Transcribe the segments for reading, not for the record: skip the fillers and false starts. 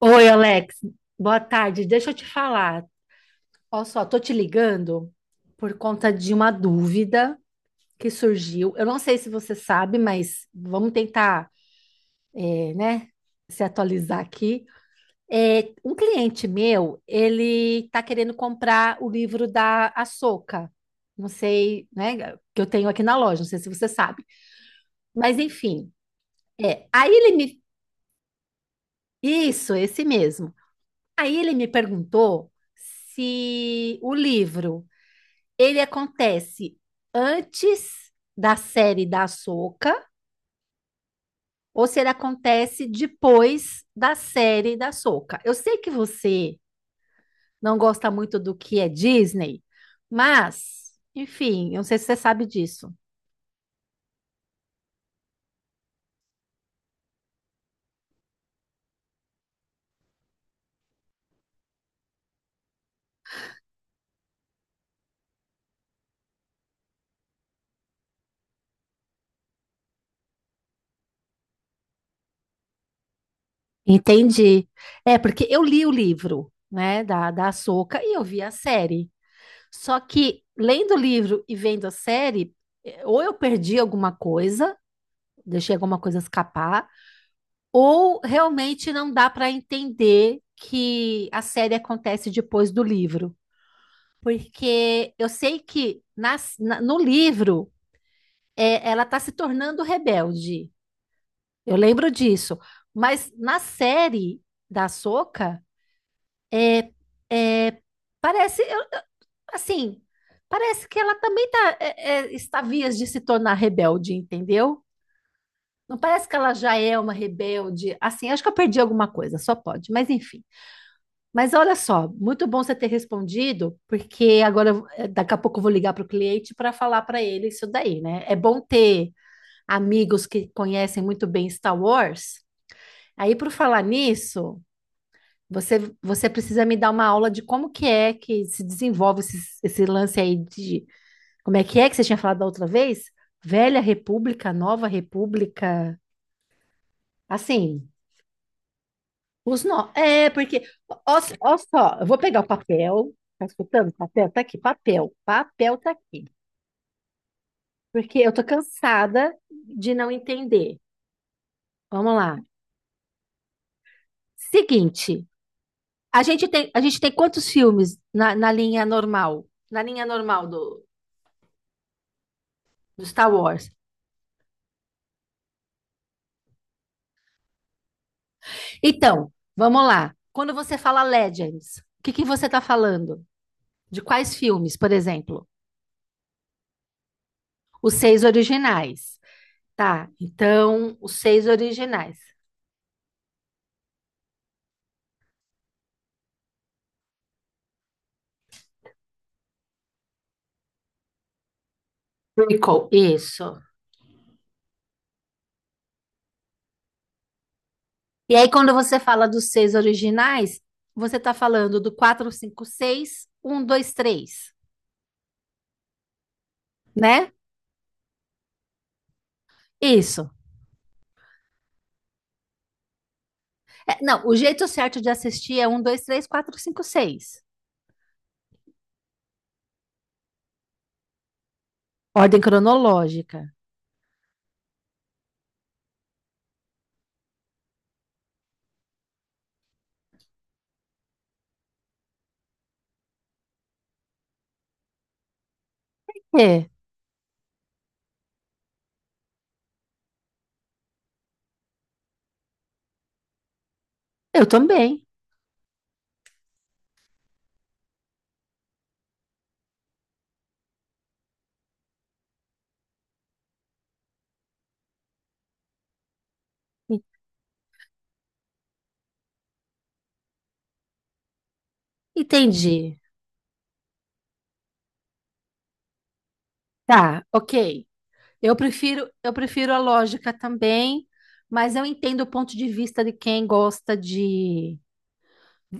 Oi, Alex. Boa tarde. Deixa eu te falar. Olha só, tô te ligando por conta de uma dúvida que surgiu. Eu não sei se você sabe, mas vamos tentar, né, se atualizar aqui. Um cliente meu, ele tá querendo comprar o livro da Assoka. Não sei, né, que eu tenho aqui na loja. Não sei se você sabe. Mas enfim, é. Aí ele me, isso, esse mesmo. Aí ele me perguntou se o livro ele acontece antes da série da Soca ou se ele acontece depois da série da Soca. Eu sei que você não gosta muito do que é Disney, mas, enfim, eu não sei se você sabe disso. Entendi. É, porque eu li o livro, né, da Ahsoka e eu vi a série. Só que lendo o livro e vendo a série, ou eu perdi alguma coisa, deixei alguma coisa escapar, ou realmente não dá para entender que a série acontece depois do livro. Porque eu sei que no livro ela está se tornando rebelde. Eu lembro disso. Mas na série da Ahsoka, é, é, parece, assim, parece que ela também tá, está vias de se tornar rebelde, entendeu? Não parece que ela já é uma rebelde? Assim, acho que eu perdi alguma coisa, só pode, mas enfim. Mas olha só, muito bom você ter respondido, porque agora daqui a pouco eu vou ligar para o cliente para falar para ele isso daí, né? É bom ter amigos que conhecem muito bem Star Wars. Aí, por falar nisso, você precisa me dar uma aula de como que é que se desenvolve esse lance aí de como é que você tinha falado da outra vez? Velha República, Nova República, assim. Os nó. Porque, ó só, eu vou pegar o papel. Tá escutando? Papel tá aqui, papel. Papel tá aqui. Porque eu tô cansada de não entender. Vamos lá. Seguinte, a gente tem quantos filmes na, linha normal? Na linha normal do Star Wars. Então, vamos lá. Quando você fala Legends, o que que você tá falando? De quais filmes, por exemplo? Os seis originais. Tá, então, os seis originais. Prequel, isso. E aí, quando você fala dos seis originais, você tá falando do quatro, cinco, seis, um, dois, três, né? Isso. É, não, o jeito certo de assistir é um, dois, três, quatro, cinco, seis. Ordem cronológica. É, eu também. En- Entendi. Tá, ok. Eu prefiro a lógica também, mas eu entendo o ponto de vista de quem gosta de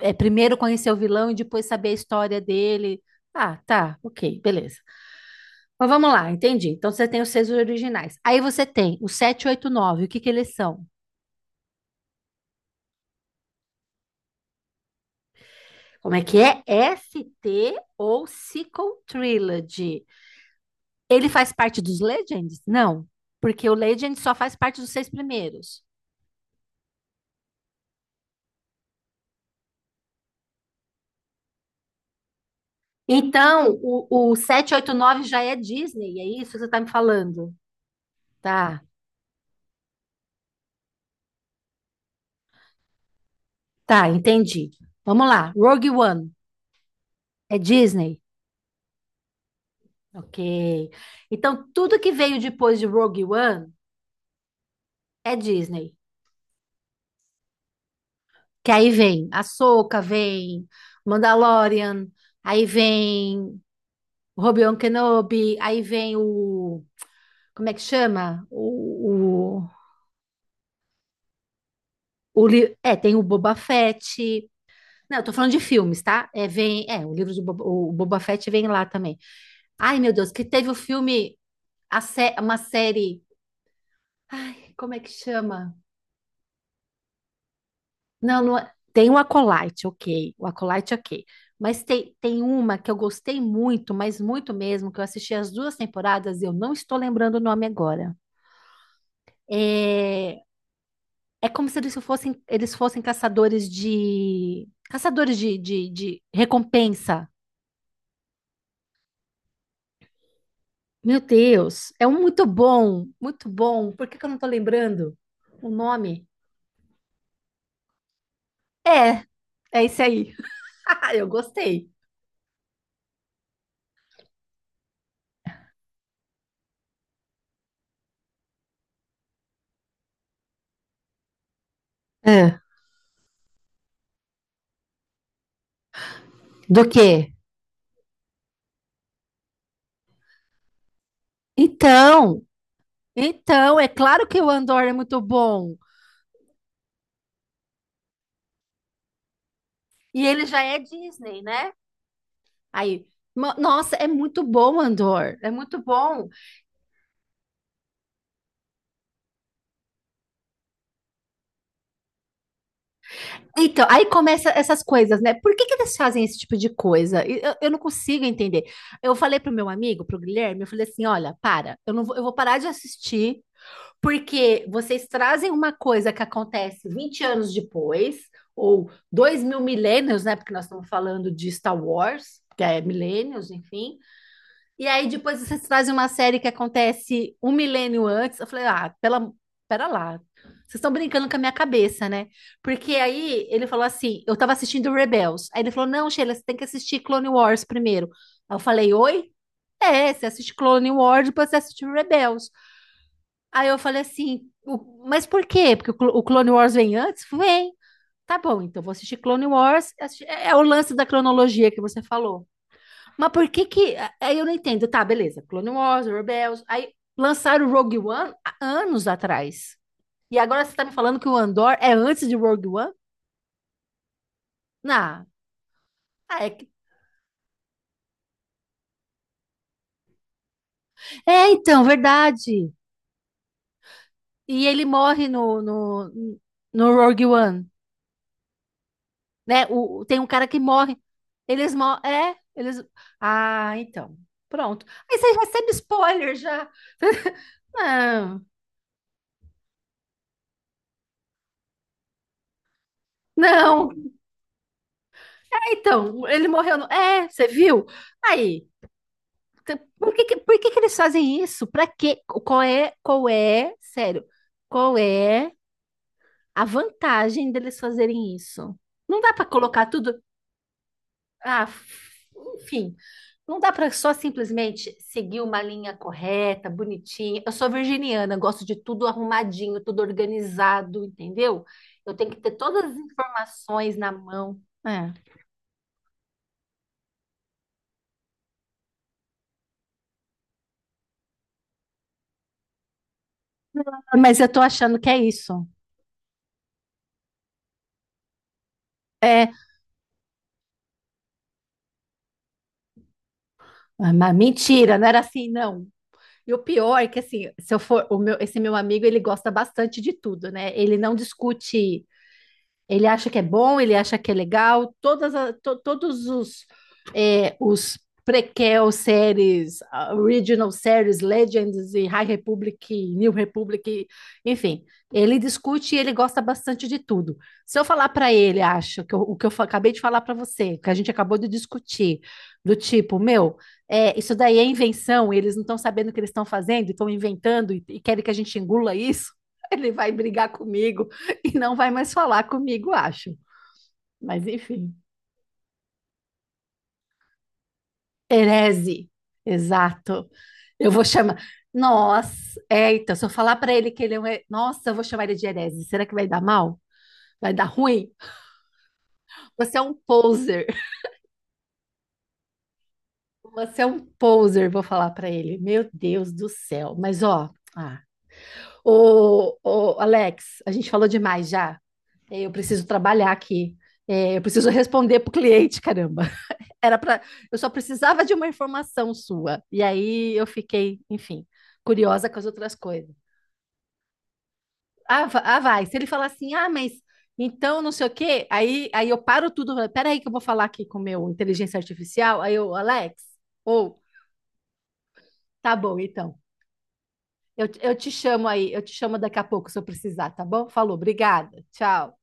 primeiro conhecer o vilão e depois saber a história dele. Ah, tá, ok, beleza. Mas vamos lá, entendi. Então você tem os seis originais. Aí você tem o nove. O que que eles são? Como é que é? ST ou Sequel Trilogy. Ele faz parte dos Legends? Não, porque o Legend só faz parte dos seis primeiros. Então, o sete, oito, nove já é Disney, é isso que você está me falando? Tá, tá, entendi. Vamos lá, Rogue One é Disney? Ok. Então, tudo que veio depois de Rogue One é Disney. Que aí vem Ahsoka, vem Mandalorian, aí vem Obi-Wan Kenobi, aí vem o... Como é que chama? Tem o Boba Fett. Não, eu tô falando de filmes, tá? O livro do Boba, o Boba Fett vem lá também. Ai, meu Deus, que teve o filme... uma série... Ai, como é que chama? Não, tem o Acolyte, ok. O Acolyte, ok. Mas tem uma que eu gostei muito, mas muito mesmo, que eu assisti as duas temporadas e eu não estou lembrando o nome agora. É, é como se eles fossem caçadores de... Caçadores de recompensa. Meu Deus, é um muito bom, muito bom. Por que que eu não estou lembrando o nome? É, é esse aí. Eu gostei. É. Do quê? Então, é claro que o Andor é muito bom. E ele já é Disney, né? Aí, nossa, é muito bom, Andor. É muito bom. Então, aí começa essas coisas, né? Por que que eles fazem esse tipo de coisa? E eu não consigo entender. Eu falei pro meu amigo, pro Guilherme, eu falei assim: olha, para, eu não vou, eu vou parar de assistir, porque vocês trazem uma coisa que acontece 20 anos depois, ou 2.000 milênios, né? Porque nós estamos falando de Star Wars, que é milênios, enfim. E aí depois vocês trazem uma série que acontece um milênio antes. Eu falei, ah, pera lá. Vocês estão brincando com a minha cabeça, né? Porque aí ele falou assim, eu tava assistindo Rebels. Aí ele falou, não, Sheila, você tem que assistir Clone Wars primeiro. Aí eu falei, oi? É, você assiste Clone Wars, depois você assiste Rebels. Aí eu falei assim, mas por quê? Porque o Clone Wars vem antes? Vem. Tá bom, então vou assistir Clone Wars. É o lance da cronologia que você falou. Mas por que que. Aí eu não entendo. Tá, beleza. Clone Wars, Rebels. Aí lançaram o Rogue One há anos atrás. E agora você tá me falando que o Andor é antes de Rogue One? Não. Ah, é, é, então, verdade. E ele morre no Rogue One, né? O, tem um cara que morre. Eles morrem. É, eles. Ah, então. Pronto. Aí você recebe spoiler já. Não, não. É, então, ele morreu no. É, você viu? Aí. Então, Por que que eles fazem isso? Para quê? Qual é, sério, qual é a vantagem deles fazerem isso? Não dá para colocar tudo, ah, f- enfim, não dá para só simplesmente seguir uma linha correta, bonitinha. Eu sou virginiana, gosto de tudo arrumadinho, tudo organizado, entendeu? Eu tenho que ter todas as informações na mão. É. Mas eu tô achando que é isso. É, mas mentira, não era assim, não. E o pior é que assim, se eu for, esse meu amigo, ele gosta bastante de tudo, né? Ele não discute, ele acha que é bom, ele acha que é legal. Todos os prequel séries, original séries, Legends e High Republic, New Republic, enfim, ele discute e ele gosta bastante de tudo. Se eu falar para ele, acho que o que eu acabei de falar para você, que a gente acabou de discutir, do tipo, meu, isso daí é invenção, eles não estão sabendo o que eles estão fazendo, estão inventando e querem que a gente engula isso. Ele vai brigar comigo. E não vai mais falar comigo, acho. Mas enfim. Herese, exato. Eu vou chamar. Nossa, eita, se eu falar para ele que ele é um. Nossa, eu vou chamar ele de herese. Será que vai dar mal? Vai dar ruim? Você é um poser. Você é um poser, vou falar para ele. Meu Deus do céu. Mas ó, ah. Ô, ô, Alex, a gente falou demais já. Eu preciso trabalhar aqui. Eu preciso responder pro cliente, caramba. Era para, eu só precisava de uma informação sua. E aí eu fiquei, enfim, curiosa com as outras coisas. Vai. Se ele falar assim, ah, mas então não sei o quê, aí eu paro tudo. Pera aí que eu vou falar aqui com o meu inteligência artificial. Aí eu, Alex, ou tá bom, então. Eu te chamo daqui a pouco se eu precisar, tá bom? Falou, obrigada. Tchau.